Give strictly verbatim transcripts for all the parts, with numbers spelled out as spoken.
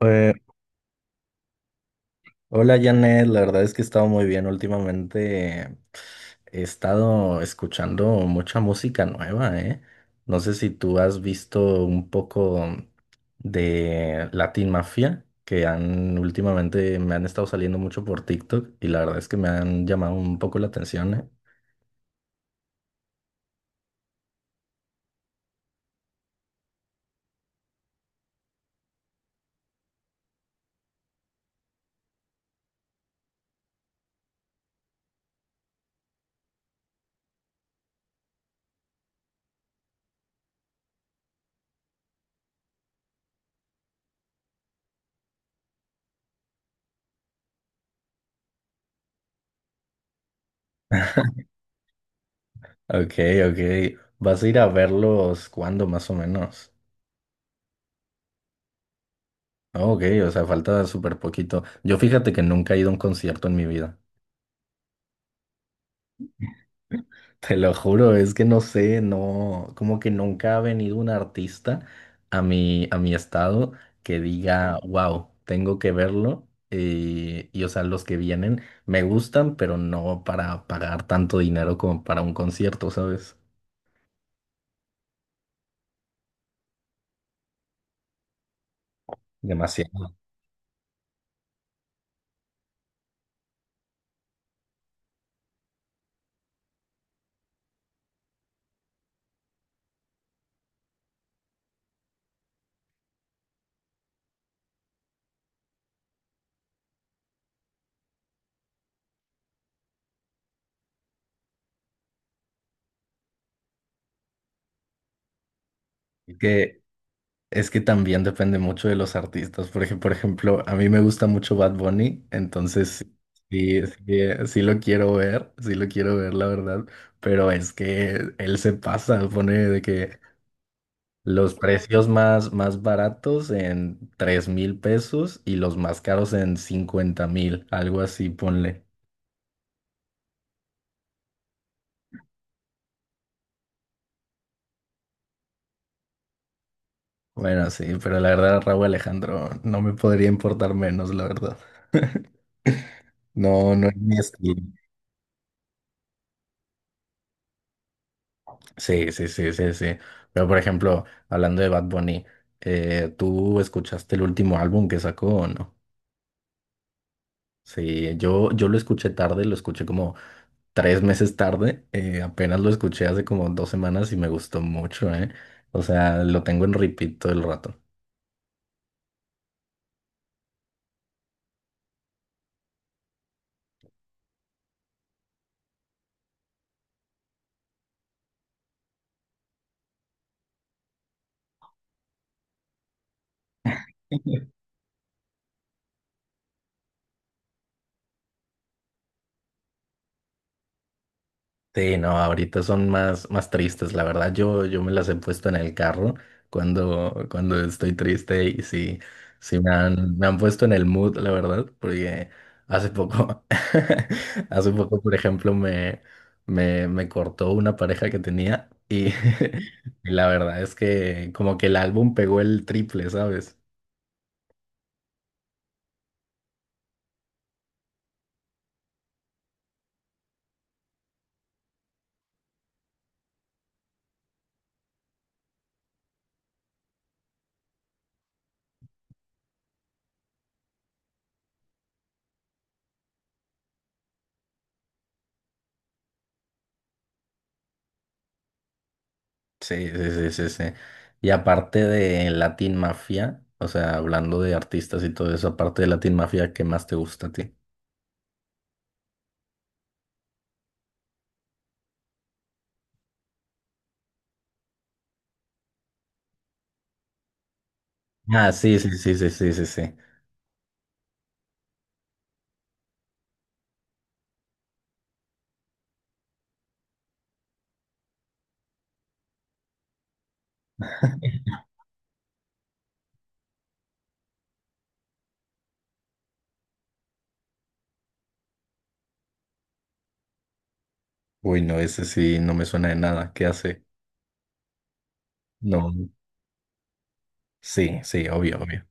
Eh, Hola Janet, la verdad es que he estado muy bien últimamente. He estado escuchando mucha música nueva, ¿eh? No sé si tú has visto un poco de Latin Mafia, que han últimamente me han estado saliendo mucho por TikTok, y la verdad es que me han llamado un poco la atención, ¿eh? Ok, ok. ¿Vas a ir a verlos cuándo más o menos? Ah, ok, o sea, falta súper poquito. Yo fíjate que nunca he ido a un concierto en mi vida. Te lo juro, es que no sé, no, como que nunca ha venido un artista a mi, a mi estado que diga, ujú, wow, tengo que verlo. Eh, y o sea, los que vienen me gustan, pero no para pagar tanto dinero como para un concierto, ¿sabes? Demasiado. Es que Es que también depende mucho de los artistas, porque por ejemplo, a mí me gusta mucho Bad Bunny, entonces sí, sí, eh, sí lo quiero ver, sí lo quiero ver, la verdad, pero es que él se pasa, pone de que los precios más, más baratos en tres mil pesos y los más caros en cincuenta mil, algo así, ponle. Bueno, sí, pero la verdad, Raúl Alejandro, no me podría importar menos, la verdad. No, no es mi estilo. Sí, sí, sí, sí, sí. Pero por ejemplo, hablando de Bad Bunny, eh, ¿tú escuchaste el último álbum que sacó o no? Sí, yo, yo lo escuché tarde, lo escuché como tres meses tarde, eh, apenas lo escuché hace como dos semanas y me gustó mucho, ¿eh? O sea, lo tengo en repeat todo el rato. Sí, no, ahorita son más, más tristes, la verdad. Yo, yo me las he puesto en el carro cuando, cuando estoy triste, y sí, sí me han, me han puesto en el mood, la verdad, porque hace poco, hace poco, por ejemplo, me, me, me cortó una pareja que tenía y, y la verdad es que como que el álbum pegó el triple, ¿sabes? Sí, sí, sí, sí, sí. Y aparte de Latin Mafia, o sea, hablando de artistas y todo eso, aparte de Latin Mafia, ¿qué más te gusta a ti? Ah, sí, sí, sí, sí, sí, sí, sí. Uy, no, ese sí no me suena de nada. ¿Qué hace? No. Sí, sí, obvio, obvio.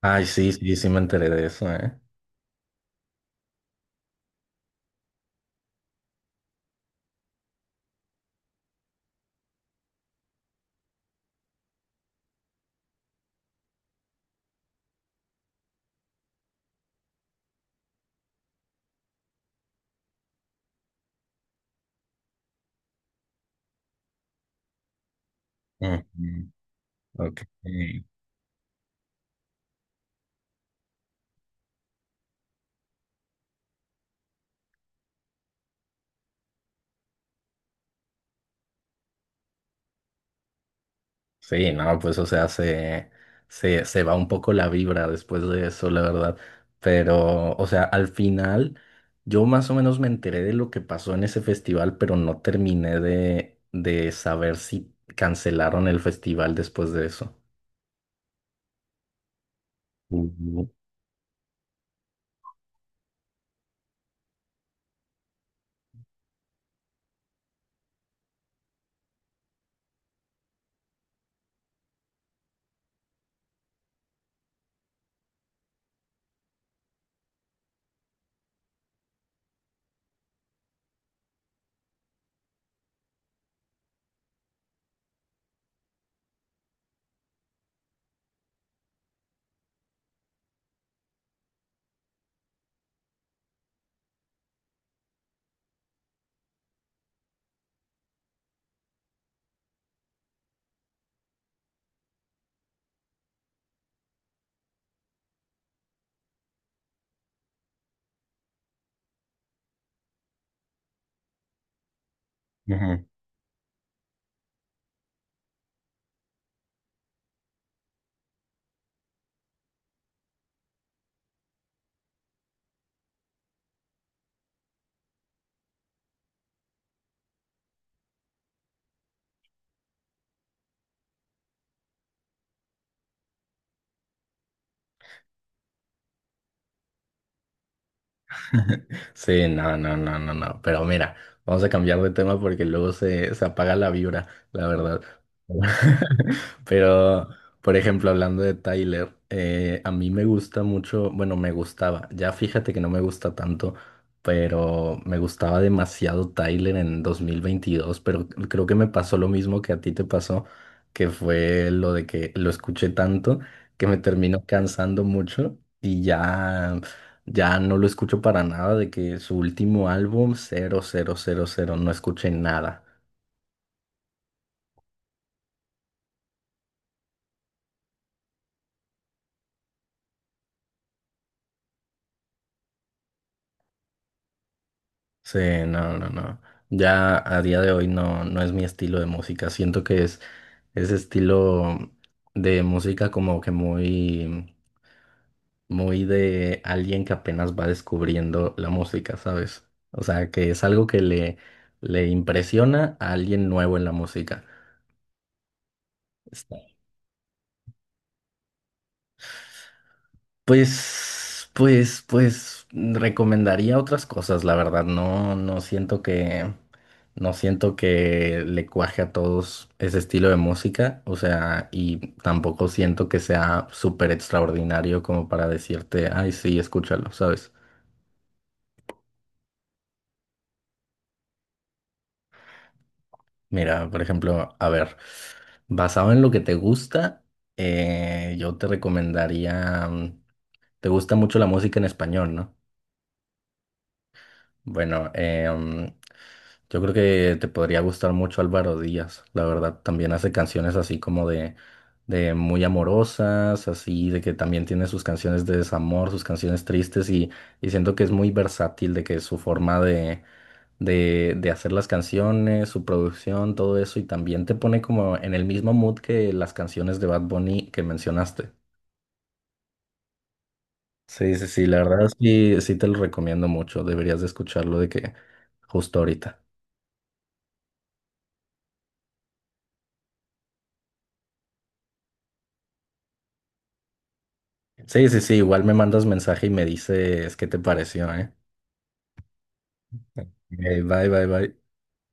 Ay, sí, sí, sí me enteré de eso, ¿eh? Ujú. Ok. Sí, no, pues o sea, se, se, se va un poco la vibra después de eso, la verdad. Pero, o sea, al final yo más o menos me enteré de lo que pasó en ese festival, pero no terminé de, de saber si cancelaron el festival después de eso. Ujú. Ujú. Sí, no, no, no, no, no. Pero mira, vamos a cambiar de tema porque luego se, se apaga la vibra, la verdad. Pero, por ejemplo, hablando de Tyler, eh, a mí me gusta mucho, bueno, me gustaba, ya fíjate que no me gusta tanto, pero me gustaba demasiado Tyler en dos mil veintidós. Pero creo que me pasó lo mismo que a ti te pasó, que fue lo de que lo escuché tanto que me terminó cansando mucho y ya. Ya no lo escucho para nada, de que su último álbum, cero cero cero cero, no escuché nada. Sí, no, no, no. Ya a día de hoy no, no es mi estilo de música. Siento que es ese estilo de música como que muy, muy de alguien que apenas va descubriendo la música, ¿sabes? O sea, que es algo que le, le impresiona a alguien nuevo en la música. Pues, pues, pues recomendaría otras cosas, la verdad. No, no siento que, no siento que le cuaje a todos ese estilo de música. O sea, y tampoco siento que sea súper extraordinario como para decirte, ay, sí, escúchalo, ¿sabes? Mira, por ejemplo, a ver, basado en lo que te gusta, eh, yo te recomendaría, mm, te gusta mucho la música en español, ¿no? Bueno, em, yo creo que te podría gustar mucho Álvaro Díaz, la verdad. También hace canciones así como de, de muy amorosas, así de que también tiene sus canciones de desamor, sus canciones tristes, y, y siento que es muy versátil, de que su forma de, de, de hacer las canciones, su producción, todo eso, y también te pone como en el mismo mood que las canciones de Bad Bunny que mencionaste. Sí, sí, sí, la verdad sí, sí te lo recomiendo mucho, deberías de escucharlo de que justo ahorita. Sí, sí, sí, igual me mandas mensaje y me dices qué te pareció, ¿eh? Ok, bye, bye, bye.